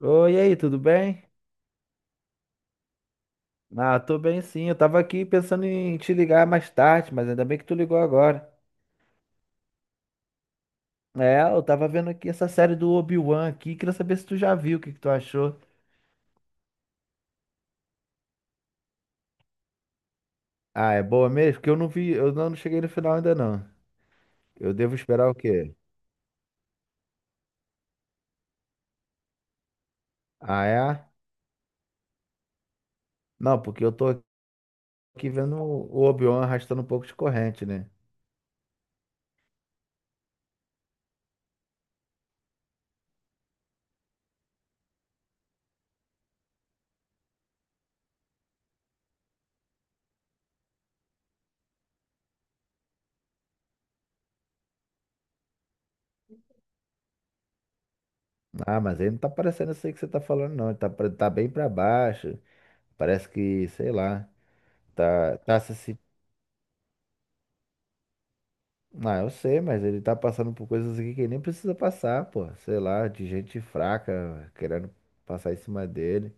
Oi, e aí, tudo bem? Ah, tô bem sim. Eu tava aqui pensando em te ligar mais tarde, mas ainda bem que tu ligou agora. É, eu tava vendo aqui essa série do Obi-Wan aqui, queria saber se tu já viu, o que que tu achou. Ah, é boa mesmo? Porque eu não vi, eu não cheguei no final ainda não. Eu devo esperar o quê? Ah, é? Não, porque eu tô aqui vendo o Obi-Wan arrastando um pouco de corrente, né? Ah, mas ele não tá parecendo isso aí que você tá falando, não. Ele tá, tá bem pra baixo. Parece que, sei lá, tá, tá se Ah, eu sei, mas ele tá passando por coisas aqui que ele nem precisa passar, pô. Sei lá, de gente fraca querendo passar em cima dele.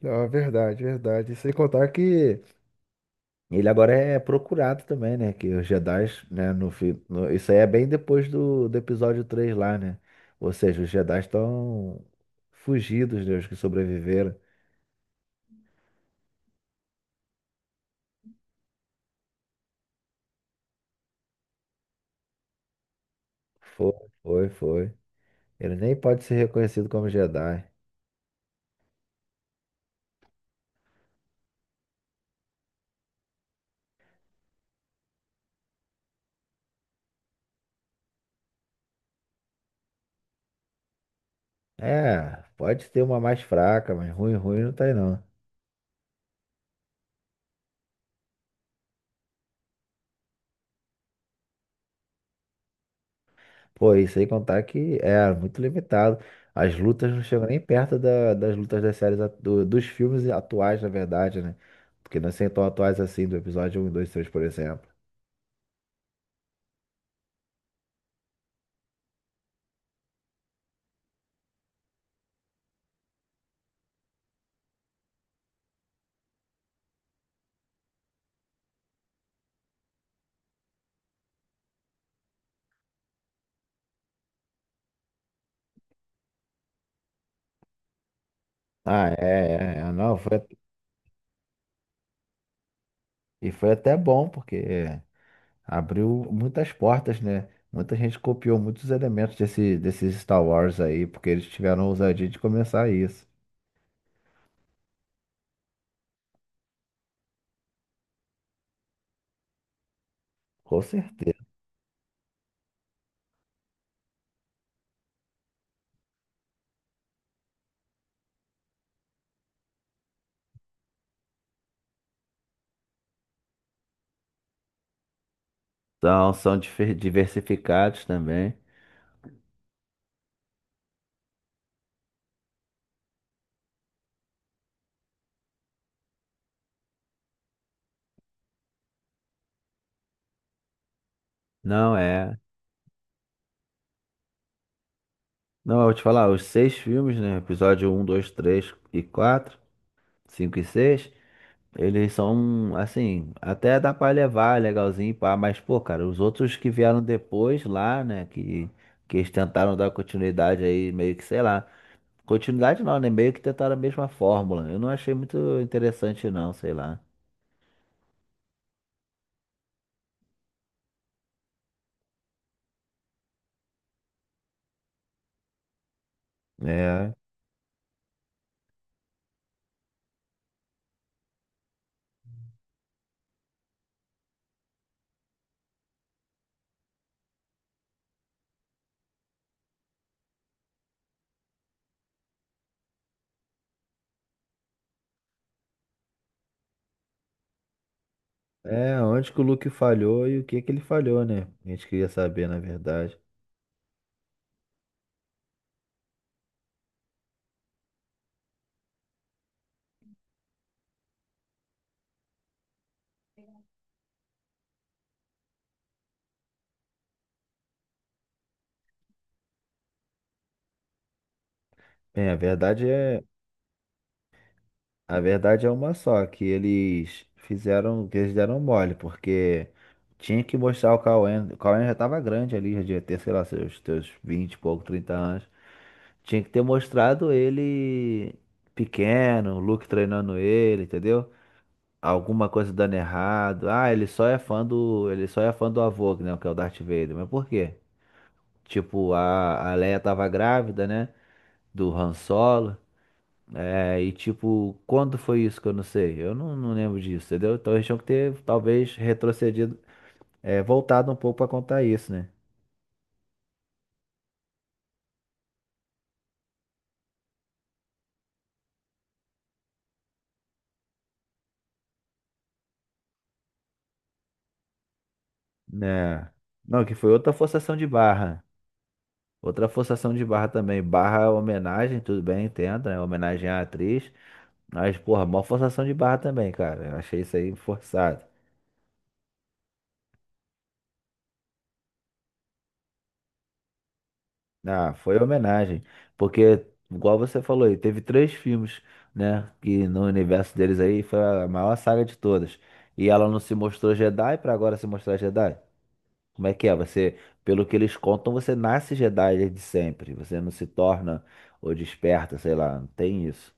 Não, é verdade, é verdade. Sem contar que. Ele agora é procurado também, né? Que os Jedi, né, isso aí é bem depois do episódio 3 lá, né? Ou seja, os Jedi estão fugidos, né? Os que sobreviveram. Foi, foi, foi. Ele nem pode ser reconhecido como Jedi. É, pode ter uma mais fraca, mas ruim, ruim não tem não. Pô, e sem contar que era muito limitado. As lutas não chegam nem perto das lutas das séries, dos filmes atuais, na verdade, né? Porque não são tão atuais assim, do episódio um, dois, três, por exemplo. Ah, é, é, é. Não, foi, e foi até bom, porque abriu muitas portas, né? Muita gente copiou muitos elementos desses Star Wars aí, porque eles tiveram a ousadia de começar isso. Com certeza. Então, são diversificados também. Não é. Não, eu vou te falar, os 6 filmes, né? Episódio um, 2, 3 e 4, 5 e 6. Eles são, assim, até dá pra levar, legalzinho, pá, mas, pô, cara, os outros que vieram depois lá, né? Que eles tentaram dar continuidade aí, meio que, sei lá. Continuidade não, né? Meio que tentaram a mesma fórmula. Eu não achei muito interessante, não, sei lá. É, é onde que o Luke falhou e o que que ele falhou, né? A gente queria saber, na verdade. Bem, a verdade é. A verdade é uma só, que eles fizeram, que eles deram mole, porque tinha que mostrar o Cauê. O Cauê já tava grande ali, já devia ter, sei lá, seus 20 e pouco, 30 anos. Tinha que ter mostrado ele pequeno, o Luke treinando ele, entendeu? Alguma coisa dando errado. Ah, ele só é fã do avô, né, que é o Darth Vader. Mas por quê? Tipo, a Leia tava grávida, né? Do Han Solo. É. E tipo, quando foi isso que eu não sei? Eu não, não lembro disso, entendeu? Então eles tinham que ter, talvez, retrocedido, é, voltado um pouco pra contar isso, né? Né? Não, que foi outra forçação de barra. Outra forçação de barra também. Barra é homenagem, tudo bem, entendo, né? Homenagem à atriz. Mas, porra, mó forçação de barra também, cara. Eu achei isso aí forçado. Ah, foi homenagem. Porque, igual você falou aí, teve 3 filmes, né? Que no universo deles aí foi a maior saga de todas. E ela não se mostrou Jedi pra agora se mostrar Jedi? Como é que é? Você, pelo que eles contam, você nasce Jedi desde sempre. Você não se torna ou desperta, sei lá, não tem isso.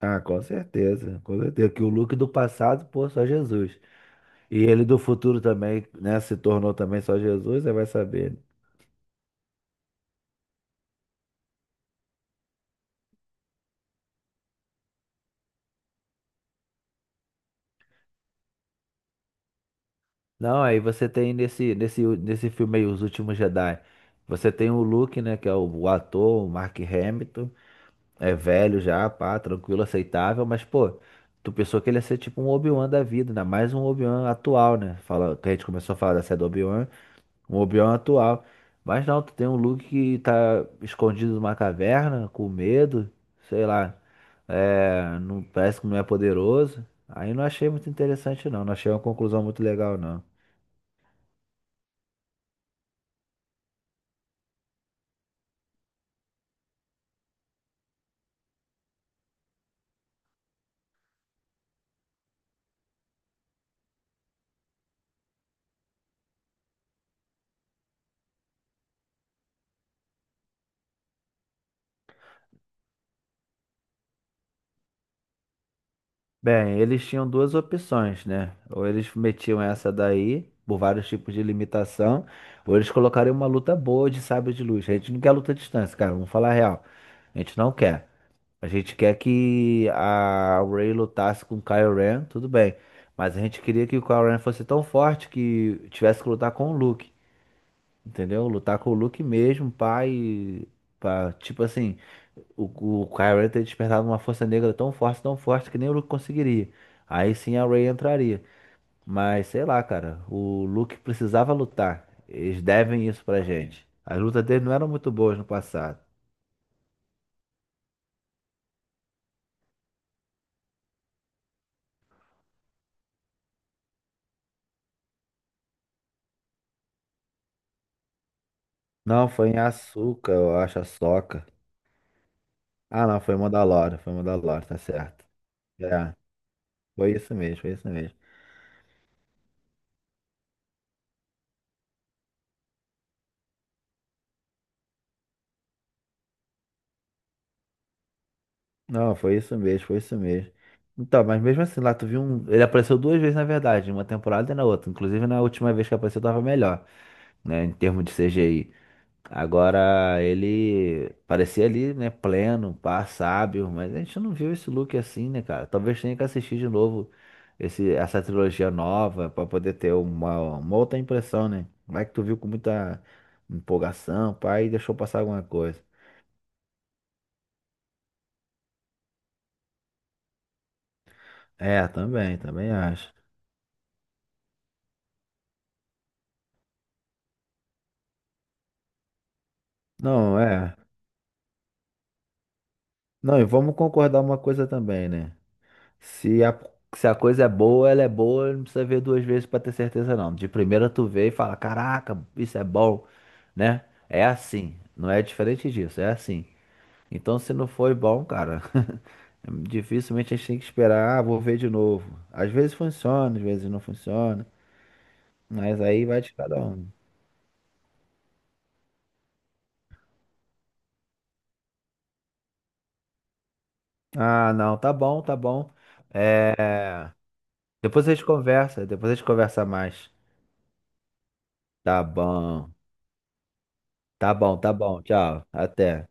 Ah, com certeza, com certeza. Que o Luke do passado, pô, só Jesus. E ele do futuro também, né? Se tornou também só Jesus, você vai saber. Não, aí você tem nesse filme aí, Os Últimos Jedi, você tem o Luke, né, que é o ator, o Mark Hamilton, é velho já, pá, tranquilo, aceitável, mas, pô, tu pensou que ele ia ser tipo um Obi-Wan da vida, ainda mais um Obi-Wan atual, né, fala, que a gente começou a falar da série do Obi-Wan, um Obi-Wan atual, mas não, tu tem um Luke que tá escondido numa caverna, com medo, sei lá, é, não, parece que não é poderoso, aí não achei muito interessante não, não achei uma conclusão muito legal não. Bem, eles tinham duas opções, né? Ou eles metiam essa daí, por vários tipos de limitação, ou eles colocariam uma luta boa de sabre de luz. A gente não quer luta à distância, cara, vamos falar a real. A gente não quer. A gente quer que a Ray lutasse com o Kylo Ren, tudo bem. Mas a gente queria que o Kylo Ren fosse tão forte que tivesse que lutar com o Luke, entendeu? Lutar com o Luke mesmo, pai, pá, tipo assim. O Kyrie ter despertado uma força negra tão forte que nem o Luke conseguiria. Aí sim a Ray entraria. Mas sei lá, cara, o Luke precisava lutar. Eles devem isso pra gente. As lutas dele não eram muito boas no passado. Não, foi em Asuka, eu acho, a Soca. Ah, não, foi em Mandalore, tá certo. É, foi isso mesmo, foi isso mesmo. Não, foi isso mesmo, foi isso mesmo. Então, mas mesmo assim, lá tu viu um. Ele apareceu duas vezes, na verdade, em uma temporada e na outra. Inclusive, na última vez que apareceu, tava melhor, né, em termos de CGI. Agora ele parecia ali, né, pleno, pá, sábio, mas a gente não viu esse look assim, né, cara? Talvez tenha que assistir de novo essa trilogia nova pra poder ter uma outra impressão, né? Vai que tu viu com muita empolgação, pá, e deixou passar alguma coisa. É, também, também acho. Não, é. Não, e vamos concordar uma coisa também, né? Se a, se a coisa é boa, ela é boa, não precisa ver duas vezes pra ter certeza não. De primeira tu vê e fala, caraca, isso é bom, né? É assim, não é diferente disso, é assim. Então se não foi bom, cara, dificilmente a gente tem que esperar, ah, vou ver de novo. Às vezes funciona, às vezes não funciona, mas aí vai de cada um. Ah, não, tá bom, tá bom. É, depois a gente conversa, depois a gente conversa mais. Tá bom, tá bom, tchau, até.